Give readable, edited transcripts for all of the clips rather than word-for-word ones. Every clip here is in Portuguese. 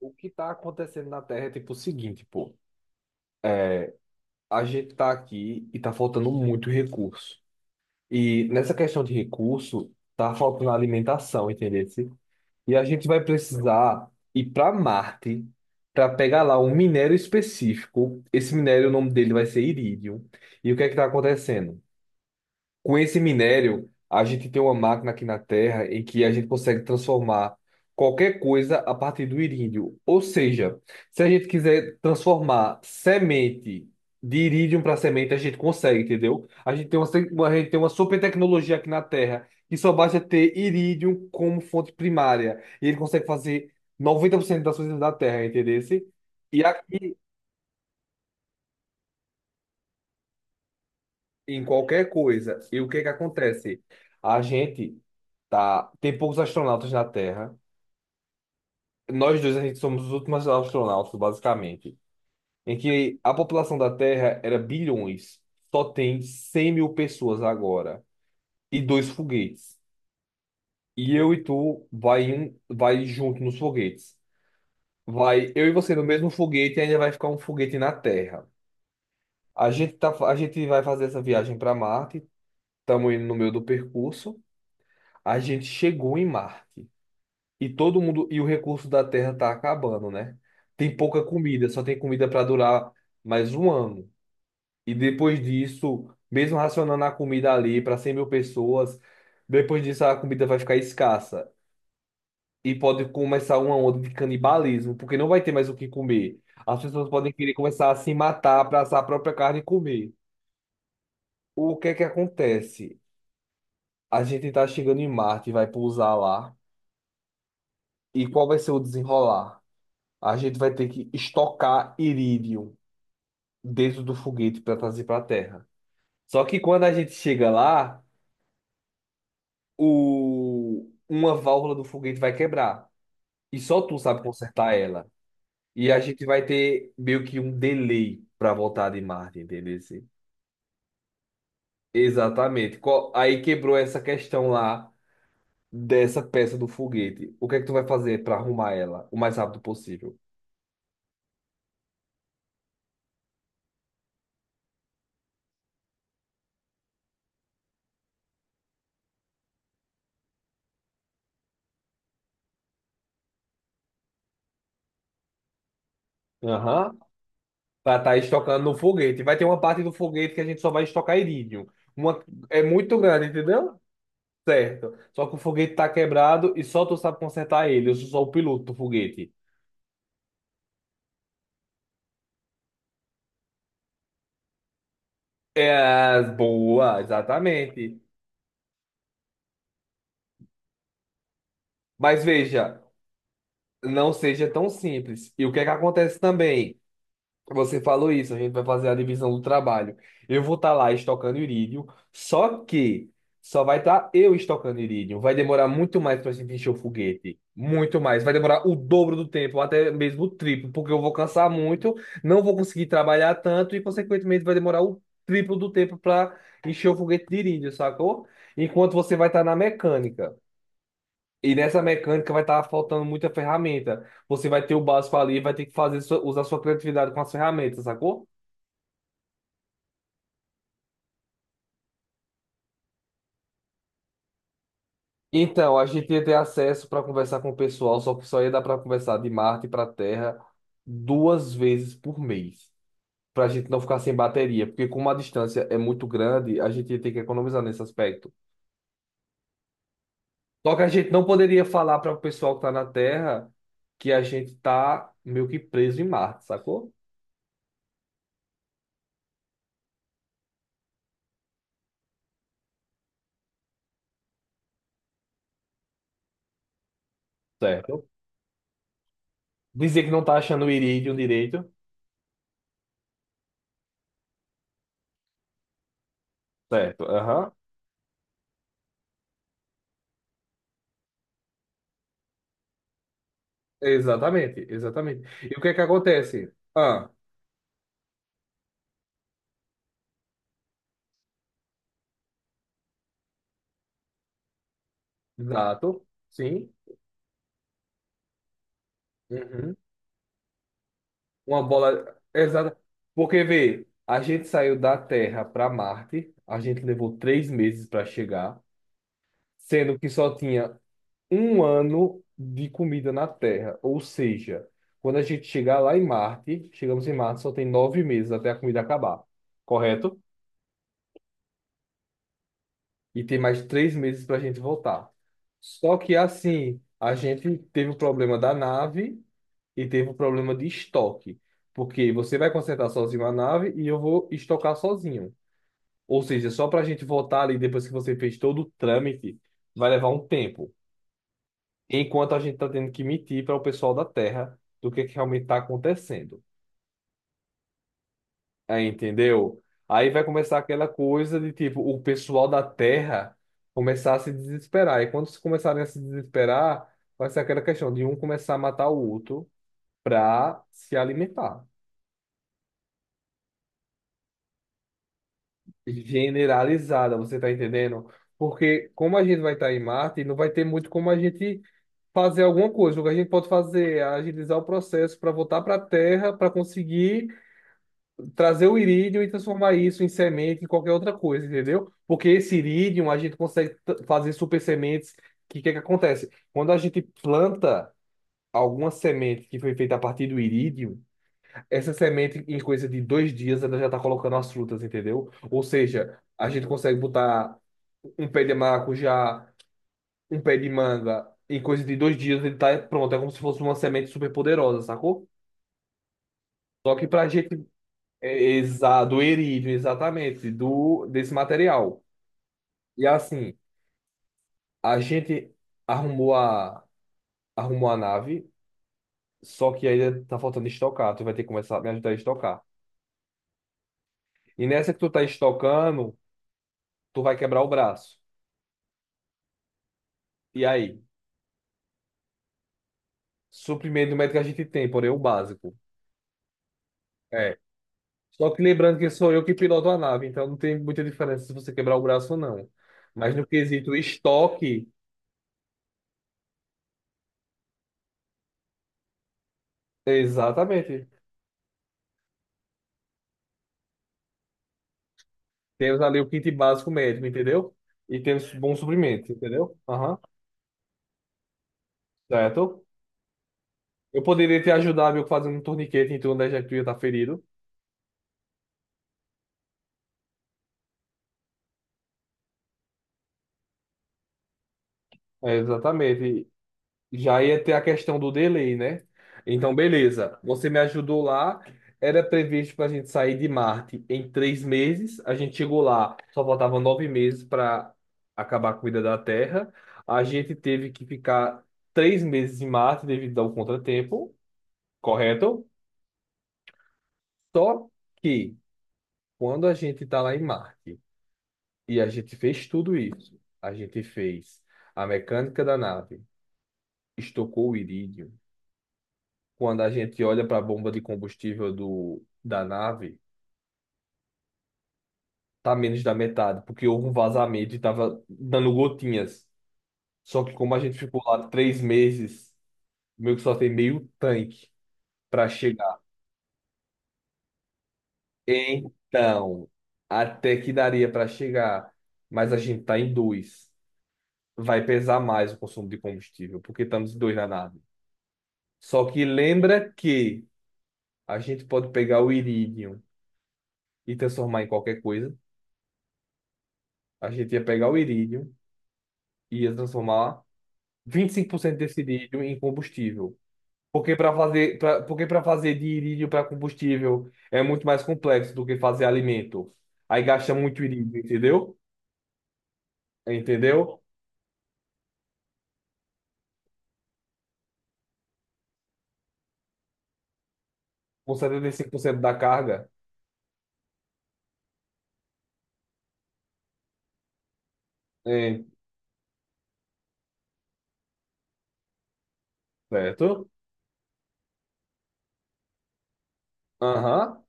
O que tá acontecendo na Terra é tipo o seguinte, pô. É, a gente tá aqui e tá faltando muito recurso. E nessa questão de recurso, tá faltando alimentação, entendeu? E a gente vai precisar ir para Marte para pegar lá um minério específico. Esse minério, o nome dele vai ser irídio. E o que é que tá acontecendo? Com esse minério, a gente tem uma máquina aqui na Terra em que a gente consegue transformar qualquer coisa a partir do irídio. Ou seja, se a gente quiser transformar semente de irídio para semente, a gente consegue, entendeu? A gente tem uma super tecnologia aqui na Terra que só basta ter irídio como fonte primária. E ele consegue fazer 90% das coisas da Terra, entendeu? E aqui, em qualquer coisa, e o que é que acontece? A gente Tá, tem poucos astronautas na Terra. Nós dois, a gente somos os últimos astronautas, basicamente. Em que a população da Terra era bilhões. Só tem 100.000 pessoas agora. E dois foguetes. E eu e tu vai junto nos foguetes. Vai eu e você no mesmo foguete e ainda vai ficar um foguete na Terra. A gente vai fazer essa viagem para Marte. Estamos indo no meio do percurso. A gente chegou em Marte. E todo mundo, e o recurso da terra tá acabando, né? Tem pouca comida, só tem comida para durar mais um ano. E depois disso, mesmo racionando a comida ali para 100.000 pessoas, depois disso a comida vai ficar escassa. E pode começar uma onda de canibalismo, porque não vai ter mais o que comer. As pessoas podem querer começar a se matar para assar a própria carne e comer. O que é que acontece? A gente tá chegando em Marte, vai pousar lá. E qual vai ser o desenrolar? A gente vai ter que estocar irídio dentro do foguete para trazer para a Terra. Só que quando a gente chega lá, uma válvula do foguete vai quebrar. E só tu sabe consertar ela. E a gente vai ter meio que um delay para voltar de Marte, entendeu? Exatamente. Aí quebrou essa questão lá dessa peça do foguete. O que é que tu vai fazer para arrumar ela o mais rápido possível? Aham. Pra estar estocando no foguete. Vai ter uma parte do foguete que a gente só vai estocar irídio. Uma... É muito grande, entendeu? Certo. Só que o foguete tá quebrado e só tu sabe consertar ele. Eu sou só o piloto do foguete. É, boa, exatamente. Mas veja, não seja tão simples. E o que é que acontece também? Você falou isso, a gente vai fazer a divisão do trabalho. Eu vou estar lá estocando irídio, só que só vai estar eu estocando irídio. Vai demorar muito mais para gente encher o foguete. Muito mais. Vai demorar o dobro do tempo, até mesmo o triplo, porque eu vou cansar muito, não vou conseguir trabalhar tanto e, consequentemente, vai demorar o triplo do tempo para encher o foguete de irídio, sacou? Enquanto você vai estar na mecânica. E nessa mecânica vai estar faltando muita ferramenta. Você vai ter o básico ali, vai ter que usar sua criatividade com as ferramentas, sacou? Então, a gente ia ter acesso para conversar com o pessoal, só que só ia dar para conversar de Marte para Terra 2 vezes por mês, para a gente não ficar sem bateria, porque como a distância é muito grande, a gente ia ter que economizar nesse aspecto. Só que a gente não poderia falar para o pessoal que está na Terra que a gente tá meio que preso em Marte, sacou? Certo. Dizer que não tá achando o irídio direito. Certo. Aham. Exatamente, exatamente. E o que é que acontece? Ah, exato. Sim. Uhum. Uma bola. Exata. Porque, vê, a gente saiu da Terra para Marte, a gente levou 3 meses para chegar, sendo que só tinha um ano de comida na Terra. Ou seja, quando a gente chegar lá em Marte, chegamos em Marte, só tem 9 meses até a comida acabar, correto? E tem mais 3 meses para a gente voltar. Só que, assim, a gente teve o problema da nave e teve o problema de estoque. Porque você vai consertar sozinho a nave e eu vou estocar sozinho. Ou seja, só para a gente votar ali depois que você fez todo o trâmite, vai levar um tempo. Enquanto a gente está tendo que mentir para o pessoal da Terra do que realmente está acontecendo. Aí, entendeu? Aí vai começar aquela coisa de tipo, o pessoal da Terra começar a se desesperar. E quando se começarem a se desesperar, vai ser aquela questão de um começar a matar o outro para se alimentar. Generalizada, você tá entendendo? Porque como a gente vai estar em Marte, não vai ter muito como a gente fazer alguma coisa. O que a gente pode fazer é agilizar o processo para voltar para a terra, para conseguir trazer o irídio e transformar isso em semente, em qualquer outra coisa, entendeu? Porque esse irídio a gente consegue fazer super sementes. Que é que acontece? Quando a gente planta alguma semente que foi feita a partir do irídio, essa semente, em coisa de 2 dias, ela já está colocando as frutas, entendeu? Ou seja, a gente consegue botar um pé de maracujá, um pé de manga, em coisa de dois dias ele tá pronto. É como se fosse uma semente super poderosa, sacou? Só que pra gente é, do erívio, exatamente, do desse material. E assim, a gente arrumou a arrumou a nave, só que ainda tá faltando estocar. Tu vai ter que começar a me ajudar a estocar. E nessa que tu tá estocando, tu vai quebrar o braço. E aí? Suprimento médico que a gente tem, porém o básico. É. Só que lembrando que sou eu que piloto a nave, então não tem muita diferença se você quebrar o braço ou não. Mas no quesito estoque, exatamente. Temos ali o kit básico médico, entendeu? E temos bons suprimentos, entendeu? Aham, certo. Eu poderia te ajudar, meu, fazendo um torniquete em torno da já que tu ia estar ferido. É, exatamente. Já ia ter a questão do delay, né? Então, beleza. Você me ajudou lá. Era previsto para a gente sair de Marte em 3 meses. A gente chegou lá, só faltava 9 meses para acabar com a vida da Terra. A gente teve que ficar 3 meses em Marte devido ao contratempo, correto? Só que quando a gente está lá em Marte e a gente fez tudo isso, a gente fez a mecânica da nave, estocou o irídio. Quando a gente olha para a bomba de combustível da nave, tá menos da metade, porque houve um vazamento e tava dando gotinhas. Só que como a gente ficou lá 3 meses, meio que só tem meio tanque para chegar. Então, até que daria para chegar, mas a gente tá em dois. Vai pesar mais o consumo de combustível, porque estamos em dois na nave. Só que lembra que a gente pode pegar o irídio e transformar em qualquer coisa. A gente ia pegar o irídio, ia transformar 25% desse lítio em combustível. Porque para fazer de irídio para combustível é muito mais complexo do que fazer alimento. Aí gasta muito irídio, entendeu? Entendeu? Com 75% da carga. É, certo? Aham.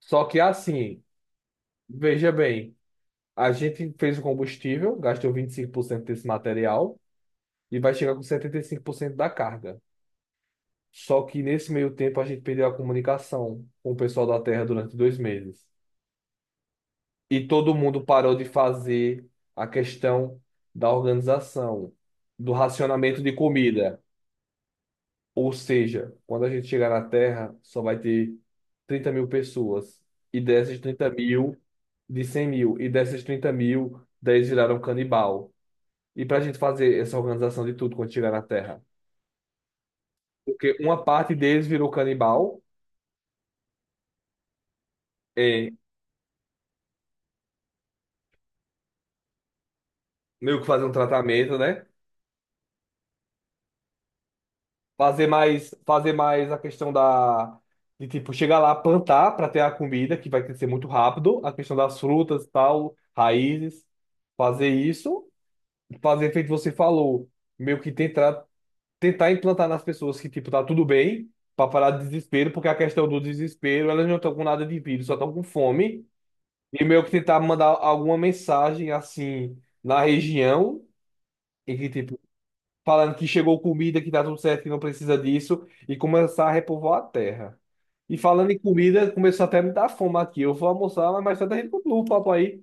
Só que assim, veja bem, a gente fez o combustível, gastou 25% desse material e vai chegar com 75% da carga. Só que nesse meio tempo a gente perdeu a comunicação com o pessoal da Terra durante 2 meses. E todo mundo parou de fazer a questão da organização, do racionamento de comida. Ou seja, quando a gente chegar na Terra, só vai ter 30.000 pessoas. E dessas 30.000, de 100.000. E dessas 30 mil, 10 viraram canibal. E para a gente fazer essa organização de tudo quando chegar na Terra? Porque uma parte deles virou canibal, é meio que fazer um tratamento, né? Fazer mais a questão da, de tipo, chegar lá, plantar para ter a comida, que vai crescer muito rápido, a questão das frutas e tal, raízes, fazer isso, fazer feito você falou, meio que tentar, tentar implantar nas pessoas que, tipo, tá tudo bem, para parar de desespero, porque a questão do desespero, elas não estão com nada de vírus, só estão com fome, e meio que tentar mandar alguma mensagem, assim, na região, e que, tipo, falando que chegou comida, que tá tudo certo, que não precisa disso, e começar a repovoar a terra. E falando em comida, começou até a me dar fome aqui. Eu vou almoçar, mas mais tarde a gente continua o papo aí.